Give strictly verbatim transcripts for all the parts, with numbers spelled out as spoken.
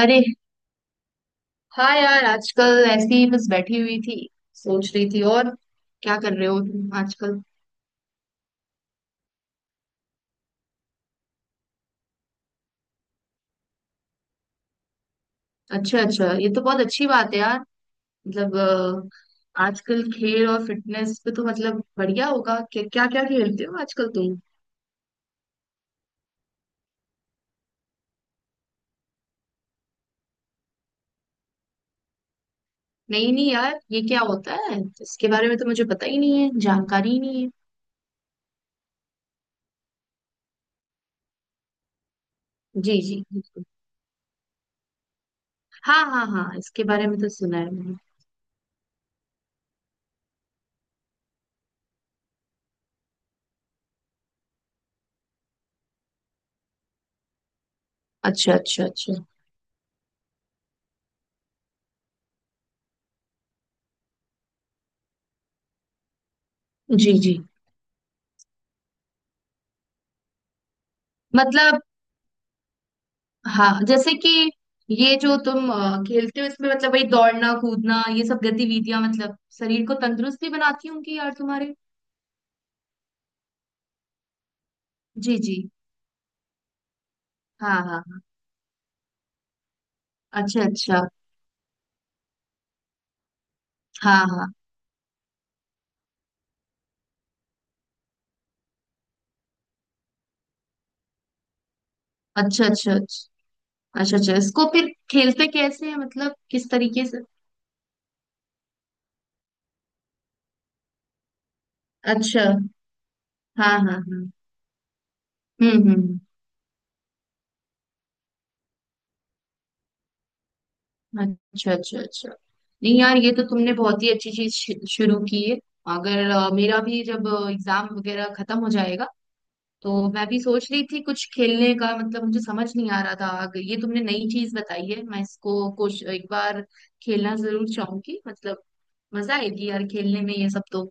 अरे हाँ यार, आजकल ऐसी ही बस बैठी हुई थी, सोच रही थी। और क्या कर रहे हो तुम आजकल? अच्छा अच्छा, ये तो बहुत अच्छी बात है यार। मतलब अ, आजकल खेल और फिटनेस पे तो मतलब बढ़िया होगा। क्या क्या क्या खेलते हो आजकल तुम? नहीं नहीं यार, ये क्या होता है? इसके बारे में तो मुझे पता ही नहीं है, जानकारी ही नहीं है। जी जी बिल्कुल। हाँ हाँ हाँ, इसके बारे में तो सुना है मैंने। अच्छा अच्छा अच्छा। जी जी। मतलब हाँ, जैसे कि ये जो तुम अ, खेलते हो इसमें, मतलब वही दौड़ना कूदना ये सब गतिविधियां मतलब शरीर को तंदुरुस्त भी बनाती होंगी यार तुम्हारे। जी जी। हाँ हाँ हाँ। अच्छा अच्छा। हाँ हाँ। अच्छा अच्छा अच्छा। अच्छा अच्छा इसको फिर खेलते कैसे है? मतलब किस तरीके से? अच्छा। हाँ हाँ हाँ। हम्म हम्म हम्म। अच्छा अच्छा अच्छा। नहीं यार, ये तो तुमने बहुत ही अच्छी चीज शु- शुरू की है। अगर अ, मेरा भी जब एग्जाम वगैरह खत्म हो जाएगा, तो मैं भी सोच रही थी कुछ खेलने का। मतलब मुझे समझ नहीं आ रहा था। अगर ये तुमने नई चीज बताई है, मैं इसको कुछ एक बार खेलना जरूर चाहूंगी। मतलब मजा आएगी यार खेलने में ये सब तो।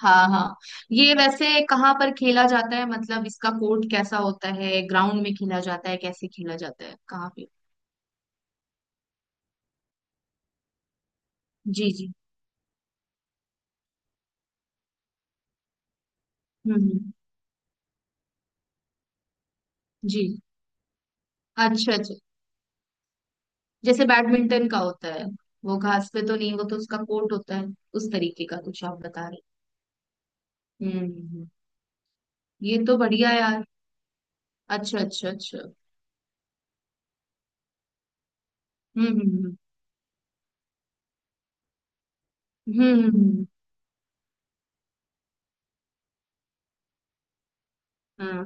हाँ हाँ। ये वैसे कहाँ पर खेला जाता है? मतलब इसका कोर्ट कैसा होता है? ग्राउंड में खेला जाता है? कैसे खेला जाता है? कहाँ पे? जी जी। हम्म हम्म। जी। अच्छा अच्छा। जैसे बैडमिंटन का होता है, वो घास पे तो नहीं, वो तो उसका कोर्ट होता है, उस तरीके का कुछ आप बता रहे हैं। हम्म हम्म, हम्म। ये तो बढ़िया यार। अच्छा अच्छा अच्छा। हम्म हम्म हम्म हम्म हम्म, हम्म, हम्म। हाँ।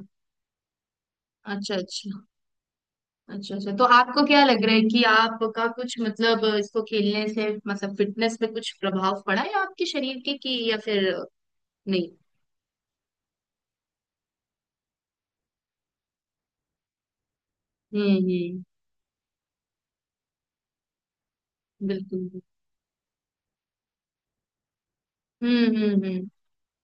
अच्छा अच्छा। अच्छा अच्छा तो आपको क्या लग रहा है कि आपका कुछ मतलब इसको खेलने से मतलब फिटनेस पे कुछ प्रभाव पड़ा है आपके शरीर के, कि या फिर नहीं? हम्म हम्म। बिल्कुल। हम्म हम्म हम्म।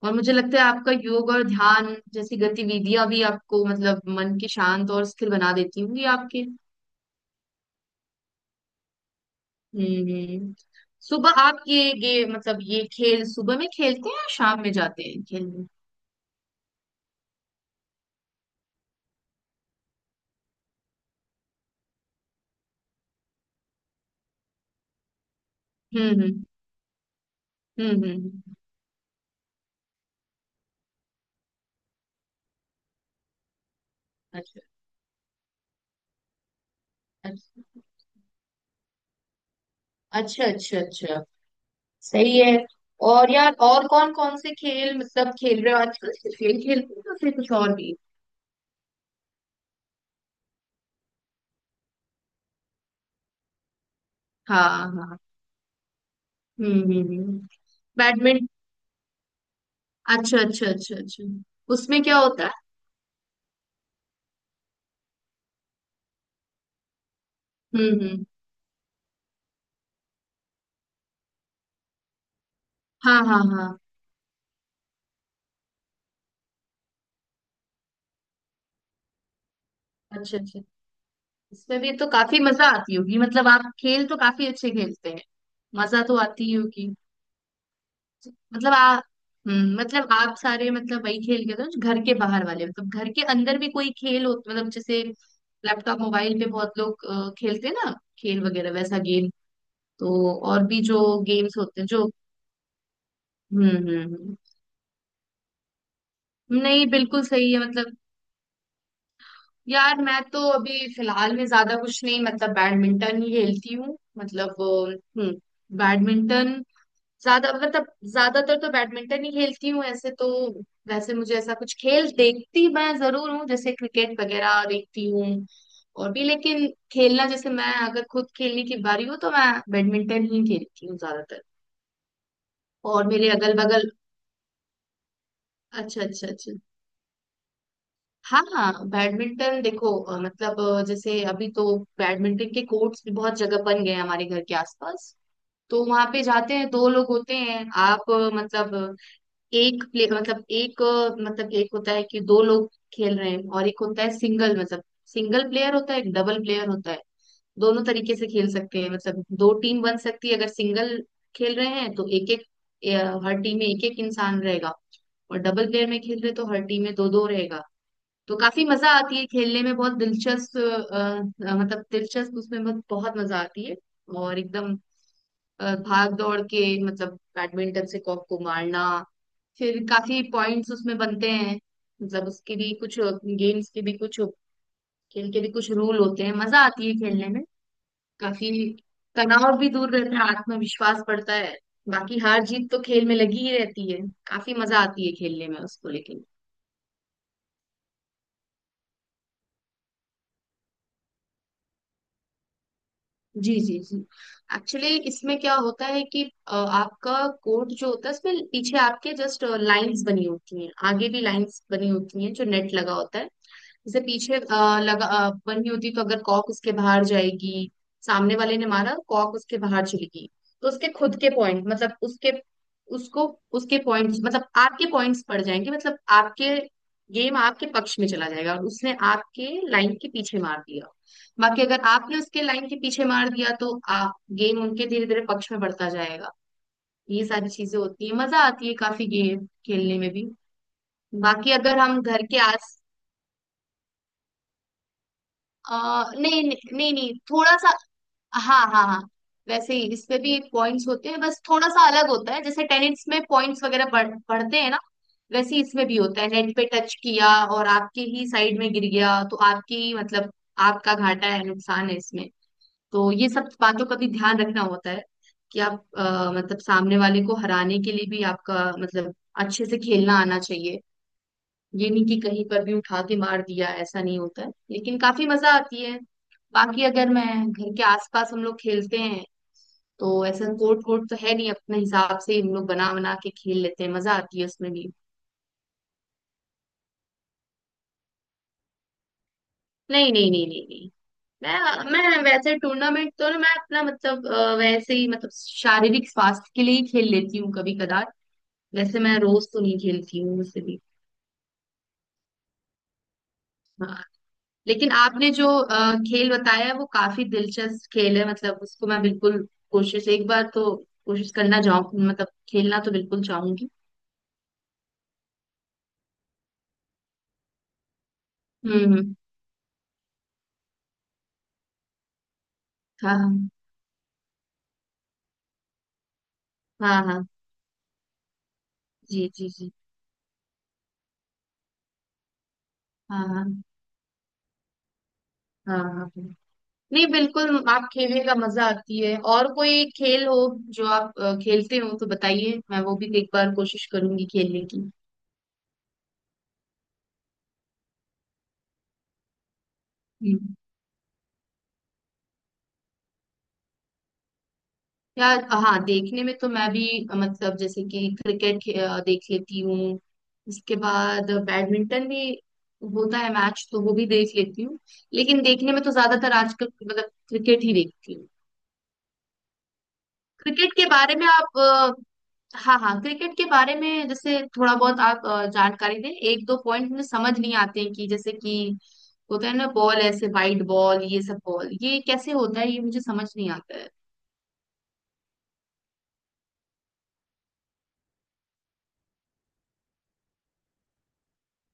और मुझे लगता है आपका योग और ध्यान जैसी गतिविधियां भी आपको मतलब मन की शांत और स्थिर बना देती होंगी आपके। हम्म हम्म। सुबह आप ये ये मतलब ये खेल सुबह में खेलते हैं या शाम में जाते हैं खेलने? हम्म हम्म हम्म हम्म हम्म, अच्छा अच्छा अच्छा अच्छा अच्छा। सही है। और यार और कौन कौन से खेल मतलब खेल रहे हो आजकल? सिर्फ यही खेलते हो या फिर कुछ और भी? हाँ हाँ। हम्म हम्म हम्म। बैडमिंटन। अच्छा अच्छा अच्छा अच्छा। उसमें क्या होता है? हम्म हम्म। हाँ हाँ हाँ। अच्छा अच्छा। इसमें भी तो काफी मजा आती होगी, मतलब आप खेल तो काफी अच्छे खेलते हैं, मजा तो आती ही होगी। मतलब आप हम्म, मतलब आप सारे मतलब वही खेल खेलते हो जो घर के बाहर वाले? मतलब घर के अंदर भी कोई खेल हो, मतलब जैसे लैपटॉप मोबाइल पे बहुत लोग अ, खेलते हैं ना, खेल वगैरह वैसा गेम, तो और भी जो गेम्स होते हैं जो हम्म हम्म हम्म। नहीं बिल्कुल सही है। मतलब यार मैं तो अभी फिलहाल में ज्यादा कुछ नहीं, मतलब बैडमिंटन ही खेलती हूँ। मतलब अ, हम्म, बैडमिंटन ज्यादा मतलब ज्यादातर तो बैडमिंटन ही खेलती हूँ ऐसे तो। वैसे मुझे ऐसा कुछ खेल देखती मैं जरूर हूँ, जैसे क्रिकेट वगैरह देखती हूँ और भी, लेकिन खेलना जैसे मैं अगर खुद खेलने की बारी हो तो मैं बैडमिंटन ही खेलती हूँ ज्यादातर। और मेरे अगल बगल अच्छा अच्छा अच्छा। हाँ हाँ, बैडमिंटन देखो, अ, मतलब अ, जैसे अभी तो बैडमिंटन के कोर्ट्स भी बहुत जगह बन गए हैं हमारे घर के आसपास। तो वहां पे जाते हैं, दो लोग होते हैं। आप अ, मतलब एक प्ले मतलब एक मतलब एक होता है कि दो लोग खेल रहे हैं, और एक होता है सिंगल, मतलब सिंगल प्लेयर होता है एक, डबल प्लेयर होता है। दोनों तरीके से खेल सकते हैं। मतलब दो टीम बन सकती है। अगर सिंगल खेल रहे हैं तो एक एक, हर टीम में एक एक इंसान रहेगा, और डबल प्लेयर में खेल रहे तो हर टीम में दो दो रहेगा। तो काफी मजा आती है खेलने में। बहुत दिलचस्प अ, अ, मतलब दिलचस्प उसमें बहुत बहुत मजा आती है। और एकदम अ, भाग दौड़ के मतलब बैडमिंटन से कॉक को मारना, फिर काफी पॉइंट्स उसमें बनते हैं। मतलब उसके भी कुछ, गेम्स के भी कुछ, खेल के भी कुछ रूल होते हैं। मजा आती है खेलने में काफी। तनाव भी दूर रहता है, आत्मविश्वास बढ़ता है। बाकी हार जीत तो खेल में लगी ही रहती है। काफी मजा आती है खेलने में उसको लेके। जी जी जी। एक्चुअली इसमें क्या होता है कि अ, आपका कोड जो होता है इसमें, पीछे आपके जस्ट लाइंस बनी होती हैं, आगे भी लाइंस बनी होती हैं, जो नेट लगा होता है। जैसे पीछे अ, लगा अ, बनी होती, तो अगर कॉक उसके बाहर जाएगी, सामने वाले ने मारा कॉक उसके बाहर चली गई, तो उसके खुद के पॉइंट मतलब उसके, उसको, उसके पॉइंट्स मतलब आपके पॉइंट्स पड़ जाएंगे। मतलब आपके गेम आपके पक्ष में चला जाएगा, और उसने आपके लाइन के पीछे मार दिया। बाकी अगर आपने उसके लाइन के पीछे मार दिया तो आप गेम उनके धीरे धीरे पक्ष में बढ़ता जाएगा। ये सारी चीजें होती है। मजा आती है काफी गेम खेलने में भी। बाकी अगर हम घर के आस आ, नहीं नहीं नहीं नहीं, थोड़ा सा। हाँ हाँ हाँ, वैसे ही इसमें भी पॉइंट्स होते हैं, बस थोड़ा सा अलग होता है। जैसे टेनिस में पॉइंट्स वगैरह बढ़, बढ़ते हैं ना, वैसे ही इसमें भी होता है। नेट पे टच किया और आपके ही साइड में गिर गया तो आपकी ही मतलब आपका घाटा है, नुकसान है इसमें। तो ये सब बातों का भी ध्यान रखना होता है कि आप अ, मतलब सामने वाले को हराने के लिए भी आपका मतलब अच्छे से खेलना आना चाहिए। ये नहीं कि कहीं पर भी उठा के मार दिया, ऐसा नहीं होता है। लेकिन काफी मजा आती है। बाकी अगर मैं घर के आसपास हम लोग खेलते हैं, तो ऐसा कोर्ट कोर्ट तो है नहीं, अपने हिसाब से हम लोग बना बना के खेल लेते हैं, मजा आती है उसमें भी। नहीं नहीं नहीं नहीं नहीं। मैं मैं वैसे टूर्नामेंट तो ना, मैं अपना मतलब अ, वैसे ही मतलब शारीरिक स्वास्थ्य के लिए ही खेल लेती हूँ कभी कदार। वैसे मैं रोज तो नहीं खेलती हूँ वैसे भी। हाँ। लेकिन आपने जो अ, खेल बताया है वो काफी दिलचस्प खेल है, मतलब उसको मैं बिल्कुल कोशिश एक बार तो कोशिश करना चाहूँ, मतलब खेलना तो बिल्कुल चाहूंगी। हम्म हम्म, हाँ हाँ हाँ हाँ। जी जी जी। हाँ हाँ हाँ हाँ हाँ। नहीं बिल्कुल, आप खेलने का मजा आती है। और कोई खेल हो जो आप अ, खेलते हो तो बताइए, मैं वो भी एक बार कोशिश करूंगी खेलने की। हम्म। यार हाँ, देखने में तो मैं भी अ, मतलब जैसे कि क्रिकेट खे- अ, देख लेती हूँ। इसके बाद बैडमिंटन भी होता है मैच तो वो भी देख लेती हूँ। लेकिन देखने में तो ज्यादातर आजकल मतलब क्रिकेट ही देखती हूँ। क्रिकेट के बारे में आप अ, हाँ हाँ, क्रिकेट के बारे में जैसे थोड़ा बहुत आप अ, जानकारी दें। एक दो पॉइंट मुझे समझ नहीं आते हैं कि जैसे कि होता है ना बॉल, ऐसे वाइड बॉल ये सब बॉल, ये कैसे होता है ये मुझे समझ नहीं आता है।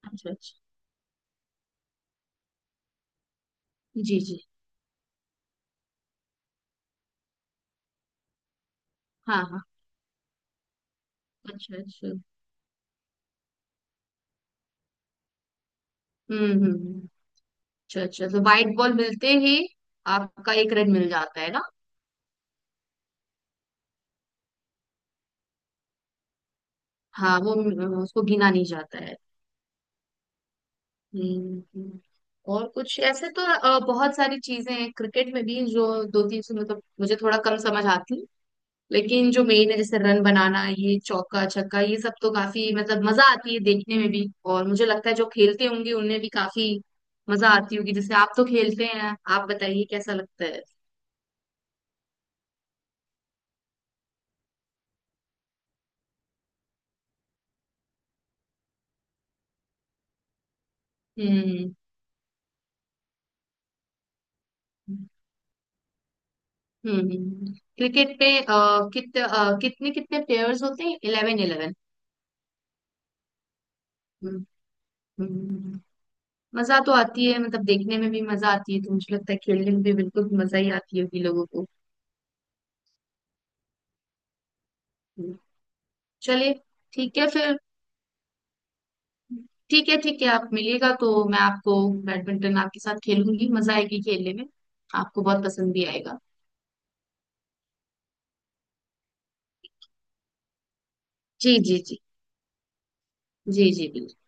अच्छा अच्छा। जी जी। हाँ हाँ। अच्छा अच्छा। हम्म हम्म। अच्छा अच्छा तो व्हाइट बॉल मिलते ही आपका एक रन मिल जाता है ना? हाँ, वो उसको गिना नहीं जाता है। हम्म हम्म। और कुछ ऐसे तो अ, बहुत सारी चीजें हैं क्रिकेट में भी जो दो तीन सौ मतलब मुझे थोड़ा कम समझ आती, लेकिन जो मेन है जैसे रन बनाना, ये चौका छक्का, ये सब तो काफी मतलब मजा आती है देखने में भी। और मुझे लगता है जो खेलते होंगे उनमें भी काफी मजा आती होगी। जैसे आप तो खेलते हैं, आप बताइए कैसा लगता है? हम्म हम्म हम्म, हम्म। क्रिकेट पे अ, कित अ, कितने कितने प्लेयर्स होते हैं? Eleven eleven? हम्म हम्म। मजा तो आती है, मतलब देखने में भी मजा आती है, तो मुझे लगता है खेलने में भी बिल्कुल मजा ही आती होगी लोगों को। हम्म। चलिए। ठीक है फिर। ठीक है ठीक है, आप मिलिएगा तो मैं आपको बैडमिंटन आपके साथ खेलूंगी, मजा आएगी खेलने में, आपको बहुत पसंद भी आएगा। जी जी जी। जी जी बिल्कुल।